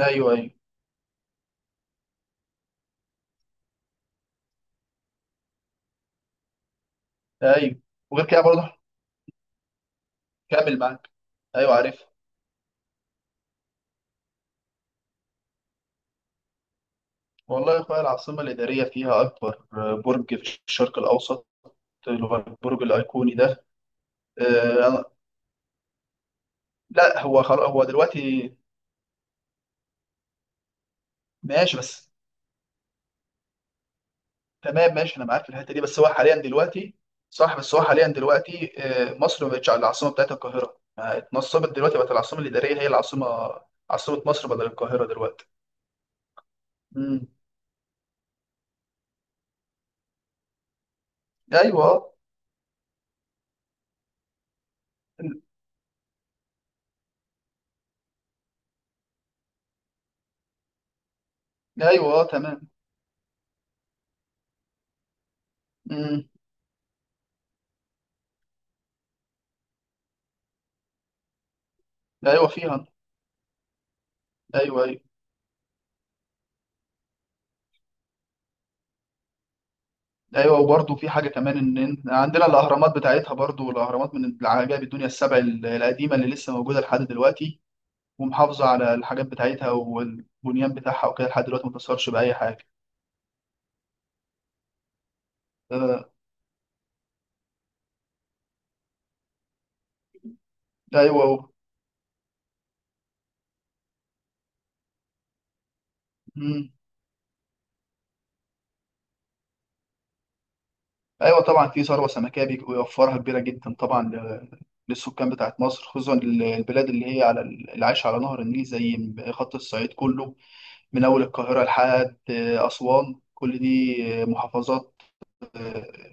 ايوه، ايوه، ايوه. وغير كده برضه كامل معاك. ايوه، عارف. والله يا اخويا، العاصمه الاداريه فيها اكبر برج في الشرق الاوسط، اللي هو البرج الايقوني ده. آه لا، هو خلاص هو دلوقتي. ماشي، بس تمام، ماشي. انا معاك في الحته دي، بس هو حاليا دلوقتي. صح، بس هو حاليا دلوقتي مصر ما بقتش العاصمه بتاعتها القاهره، ما اتنصبت دلوقتي، بقت العاصمه الاداريه هي العاصمه، عاصمه مصر بدل القاهره دلوقتي. امم. ايوه، ايوه، تمام. امم. ايوه، فيها. ايوه، ايوه. ايوه، وبرضه في حاجه كمان، ان عندنا الاهرامات بتاعتها، برضه الاهرامات من العجائب الدنيا السبع القديمه، اللي لسه موجوده لحد دلوقتي، ومحافظه على الحاجات بتاعتها والبنيان بتاعها وكده لحد دلوقتي ما اتأثرش باي حاجه. آه، ايوه، مم. ايوه طبعا، في ثروه سمكيه بيوفرها كبيره جدا طبعا، للسكان بتاعت مصر، خصوصا البلاد اللي هي اللي عايشه على نهر النيل، زي خط الصعيد كله، من اول القاهره لحد اسوان، كل دي محافظات، آه،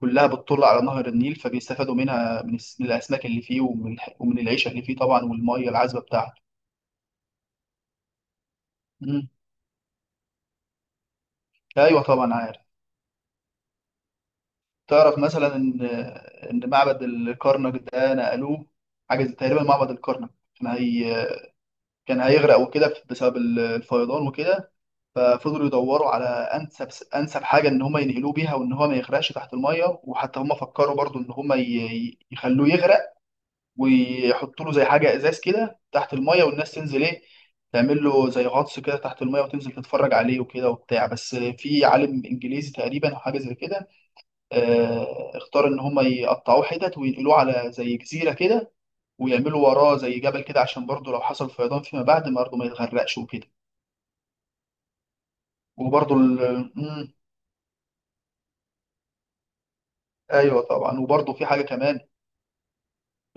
كلها بتطل على نهر النيل، فبيستفادوا منها، من من الأسماك اللي فيه، ومن ومن العيشة اللي فيه طبعا، والمية العذبة بتاعته. مم. أيوة، طبعا عارف. تعرف مثلا إن معبد الكرنك ده نقلوه. حاجة تقريبا معبد الكرنك كان هيغرق وكده بسبب الفيضان وكده، ففضلوا يدوروا على أنسب، حاجة إن هم ينقلوه بيها، وإن هو ما يغرقش تحت المية. وحتى هم فكروا برضو إن هم يخلوه يغرق، ويحطوا له زي حاجه ازاز كده تحت الميه، والناس تنزل ايه، تعمل له زي غطس كده تحت الميه، وتنزل تتفرج عليه وكده وبتاع، بس في عالم انجليزي تقريبا او حاجه زي كده. اختار ان هم يقطعوه حتت، وينقلوه على زي جزيره كده، ويعملوا وراه زي جبل كده، عشان برضه لو حصل فيضان فيما بعد برضه ما يتغرقش وكده. وبرضه مم، ايوه طبعا، وبرضه في حاجه كمان.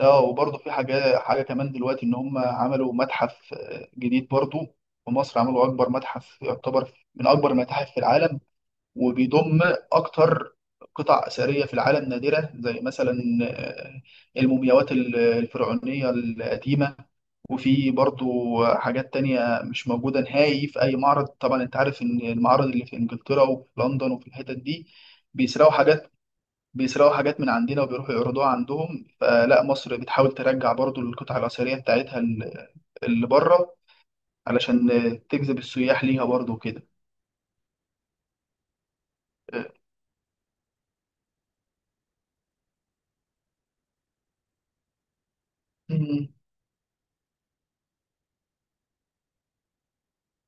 اه وبرضه في حاجة كمان دلوقتي، إن هم عملوا متحف جديد برضه. في مصر عملوا أكبر متحف، يعتبر من أكبر المتاحف في العالم، وبيضم أكتر قطع أثرية في العالم نادرة، زي مثلا آه، المومياوات الفرعونية القديمة. وفي برضه حاجات تانية مش موجودة نهائي في أي معرض. طبعا أنت عارف إن المعارض اللي في إنجلترا وفي لندن وفي الحتت دي بيسرقوا حاجات، من عندنا، وبيروحوا يعرضوها عندهم، فلا مصر بتحاول ترجع برضو القطع الأثرية بتاعتها اللي بره، علشان تجذب السياح ليها برضو وكده.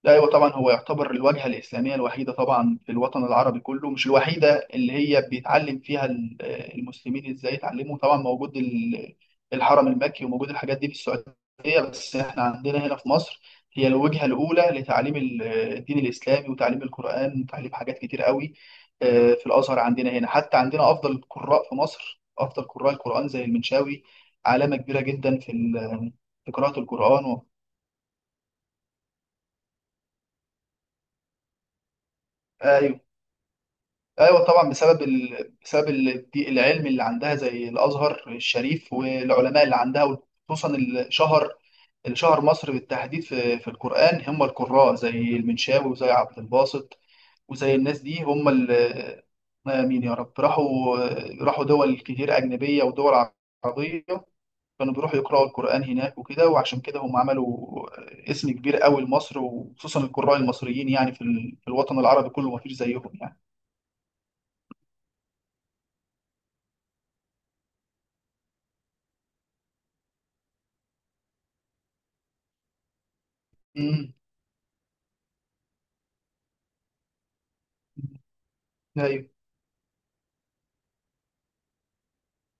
لا، ايوه طبعا، هو يعتبر الواجهه الاسلاميه الوحيده طبعا في الوطن العربي كله، مش الوحيده اللي هي بيتعلم فيها المسلمين ازاي يتعلموا. طبعا موجود الحرم المكي، وموجود الحاجات دي في السعوديه، بس احنا عندنا هنا في مصر، هي الوجهه الاولى لتعليم الدين الاسلامي، وتعليم القران، وتعليم حاجات كتير قوي في الازهر عندنا هنا. حتى عندنا افضل القراء في مصر، افضل قراء القران زي المنشاوي، علامه كبيره جدا في قراءه القران و... أيوة. ايوه طبعا، بسبب العلم اللي عندها زي الازهر الشريف، والعلماء اللي عندها، وخصوصا اللي شهر، مصر بالتحديد، في القران هم القراء زي المنشاوي، وزي عبد الباسط، وزي الناس دي. هم مين يا رب راحوا. راحوا دول كتير اجنبيه ودول عربيه، كانوا بيروحوا يقراوا القران هناك وكده، وعشان كده هم عملوا اسم كبير قوي لمصر، وخصوصا القراء المصريين يعني في الوطن العربي كله ما فيش زيهم يعني. مم. ايوه،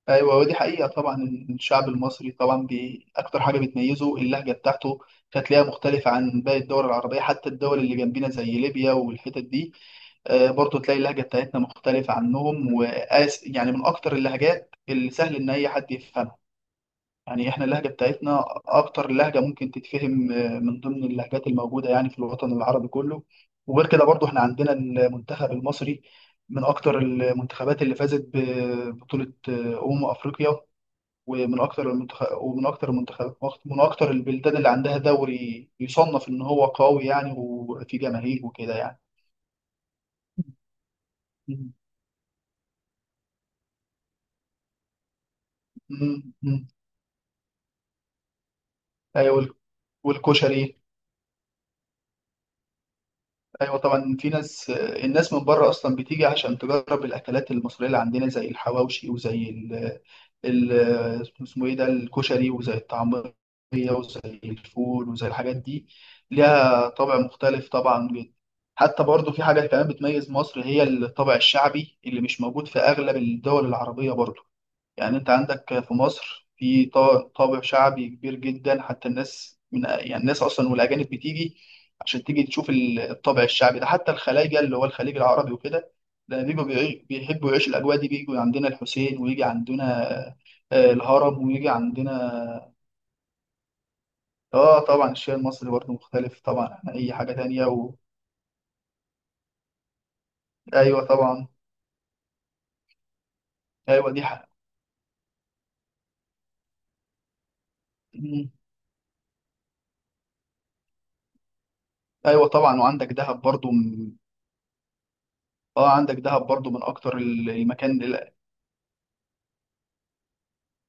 ايوه، ودي حقيقه طبعا. الشعب المصري طبعا اكتر حاجه بتميزه اللهجه بتاعته، هتلاقيها مختلفه عن باقي الدول العربيه، حتى الدول اللي جنبنا زي ليبيا والحتت دي، برضو تلاقي اللهجه بتاعتنا مختلفه عنهم، وقاس يعني من اكتر اللهجات اللي سهل ان اي حد يفهمها. يعني احنا اللهجة بتاعتنا اكتر لهجة ممكن تتفهم من ضمن اللهجات الموجودة يعني في الوطن العربي كله. وغير كده برضو احنا عندنا المنتخب المصري من اكتر المنتخبات اللي فازت ببطولة افريقيا، ومن اكتر المنتخب ومن اكتر المنتخب من اكتر البلدان اللي عندها دوري يصنف ان هو قوي يعني، وفي جماهير وكده يعني. مم. مم. مم. ايوه، والكشري. ايوه طبعا، في ناس الناس من بره اصلا بتيجي عشان تجرب الاكلات المصريه اللي عندنا، زي الحواوشي، وزي ال ال اسمه ايه ده الكشري، وزي الطعميه، وزي الفول، وزي الحاجات دي، ليها طابع مختلف طبعا جدا. حتى برضو في حاجه كمان بتميز مصر، هي الطابع الشعبي اللي مش موجود في اغلب الدول العربيه برضو. يعني انت عندك في مصر في طابع شعبي كبير جدا، حتى الناس من يعني الناس اصلا والاجانب بتيجي عشان تيجي تشوف الطابع الشعبي ده، حتى الخلايجه اللي هو الخليج العربي وكده، ده بيجوا، بيحبوا يعيشوا الاجواء دي، بيجوا عندنا الحسين، ويجي عندنا الهرم، ويجي عندنا. اه طبعا الشيء المصري برضه مختلف طبعا عن اي حاجه تانية و... ايوه طبعا. ايوه دي حق. مم. ايوه طبعا، وعندك دهب برضه من... اه عندك دهب برضه من اكتر المكان.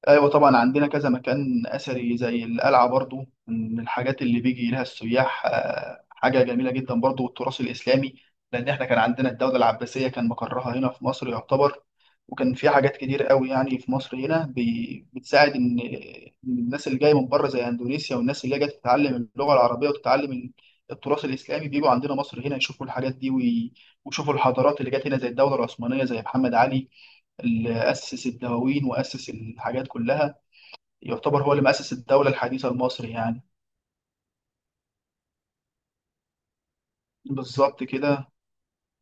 ايوه طبعا عندنا كذا مكان اثري زي القلعه برضو، من الحاجات اللي بيجي لها السياح، حاجه جميله جدا برضو، والتراث الاسلامي، لان احنا كان عندنا الدوله العباسيه كان مقرها هنا في مصر يعتبر. وكان في حاجات كتير قوي يعني في مصر هنا بتساعد ان الناس اللي جايه من بره زي اندونيسيا، والناس اللي جايه تتعلم اللغه العربيه، وتتعلم التراث الاسلامي، بيجوا عندنا مصر هنا يشوفوا الحاجات دي، ويشوفوا الحضارات اللي جت هنا، زي الدوله العثمانيه، زي محمد علي اللي اسس الدواوين واسس الحاجات كلها، يعتبر هو اللي مؤسس الدولة الحديثة المصري يعني. بالظبط كده.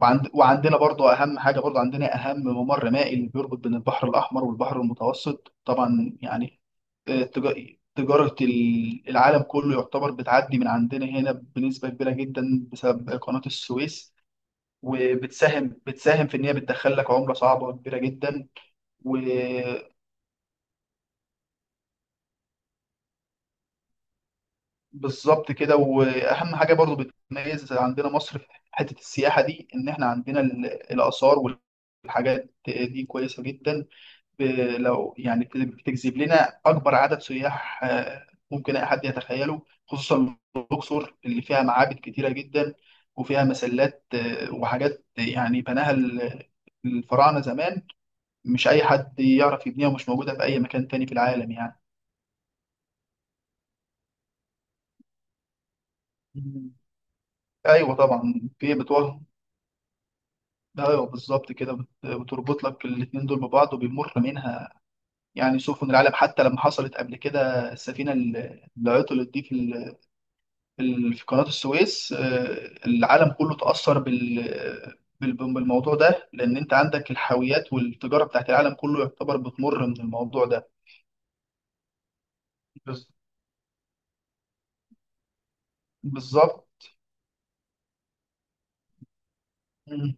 وعندنا برضو أهم حاجة، برضو عندنا أهم ممر مائي اللي بيربط بين البحر الأحمر والبحر المتوسط طبعا يعني. تجارة العالم كله يعتبر بتعدي من عندنا هنا بنسبة كبيرة جدا بسبب قناة السويس، وبتساهم في إن هي بتدخل لك عملة صعبة وكبيرة جدا. بالظبط كده، واهم حاجه برضو بتميز عندنا مصر في حته السياحه دي، ان احنا عندنا الاثار والحاجات دي كويسه جدا، ب- لو يعني بتجذب لنا اكبر عدد سياح ممكن اي حد يتخيله، خصوصا الاقصر اللي فيها معابد كتيره جدا، وفيها مسلات وحاجات يعني بناها الفراعنه زمان، مش اي حد يعرف يبنيها، ومش موجوده في اي مكان تاني في العالم يعني. مم. ايوه طبعا في بتوع. ايوه بالظبط كده، بتربط لك الاتنين دول ببعض، وبيمر منها يعني سفن العالم، حتى لما حصلت قبل كده السفينه اللي عطلت دي في قناه السويس، العالم كله اتاثر بالموضوع ده، لان انت عندك الحاويات والتجاره بتاعت العالم كله يعتبر بتمر من الموضوع ده. بز- بالظبط. مم.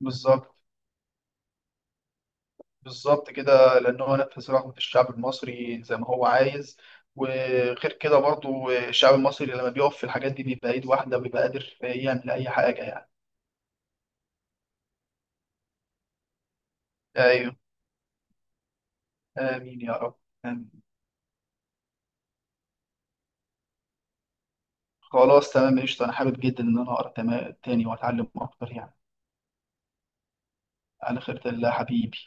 بالظبط، بالظبط كده، لأن هو نفذ رغبة الشعب المصري زي ما هو عايز. وغير كده برضو الشعب المصري لما بيقف في الحاجات دي بيبقى إيد واحدة، وبيبقى قادر يعمل أي حاجة يعني. أيوه. آمين يا رب. آمين. خلاص تمام، قشطة، أنا حابب جدا إن أنا أقرأ تاني وأتعلم أكتر يعني. على خيرة الله حبيبي.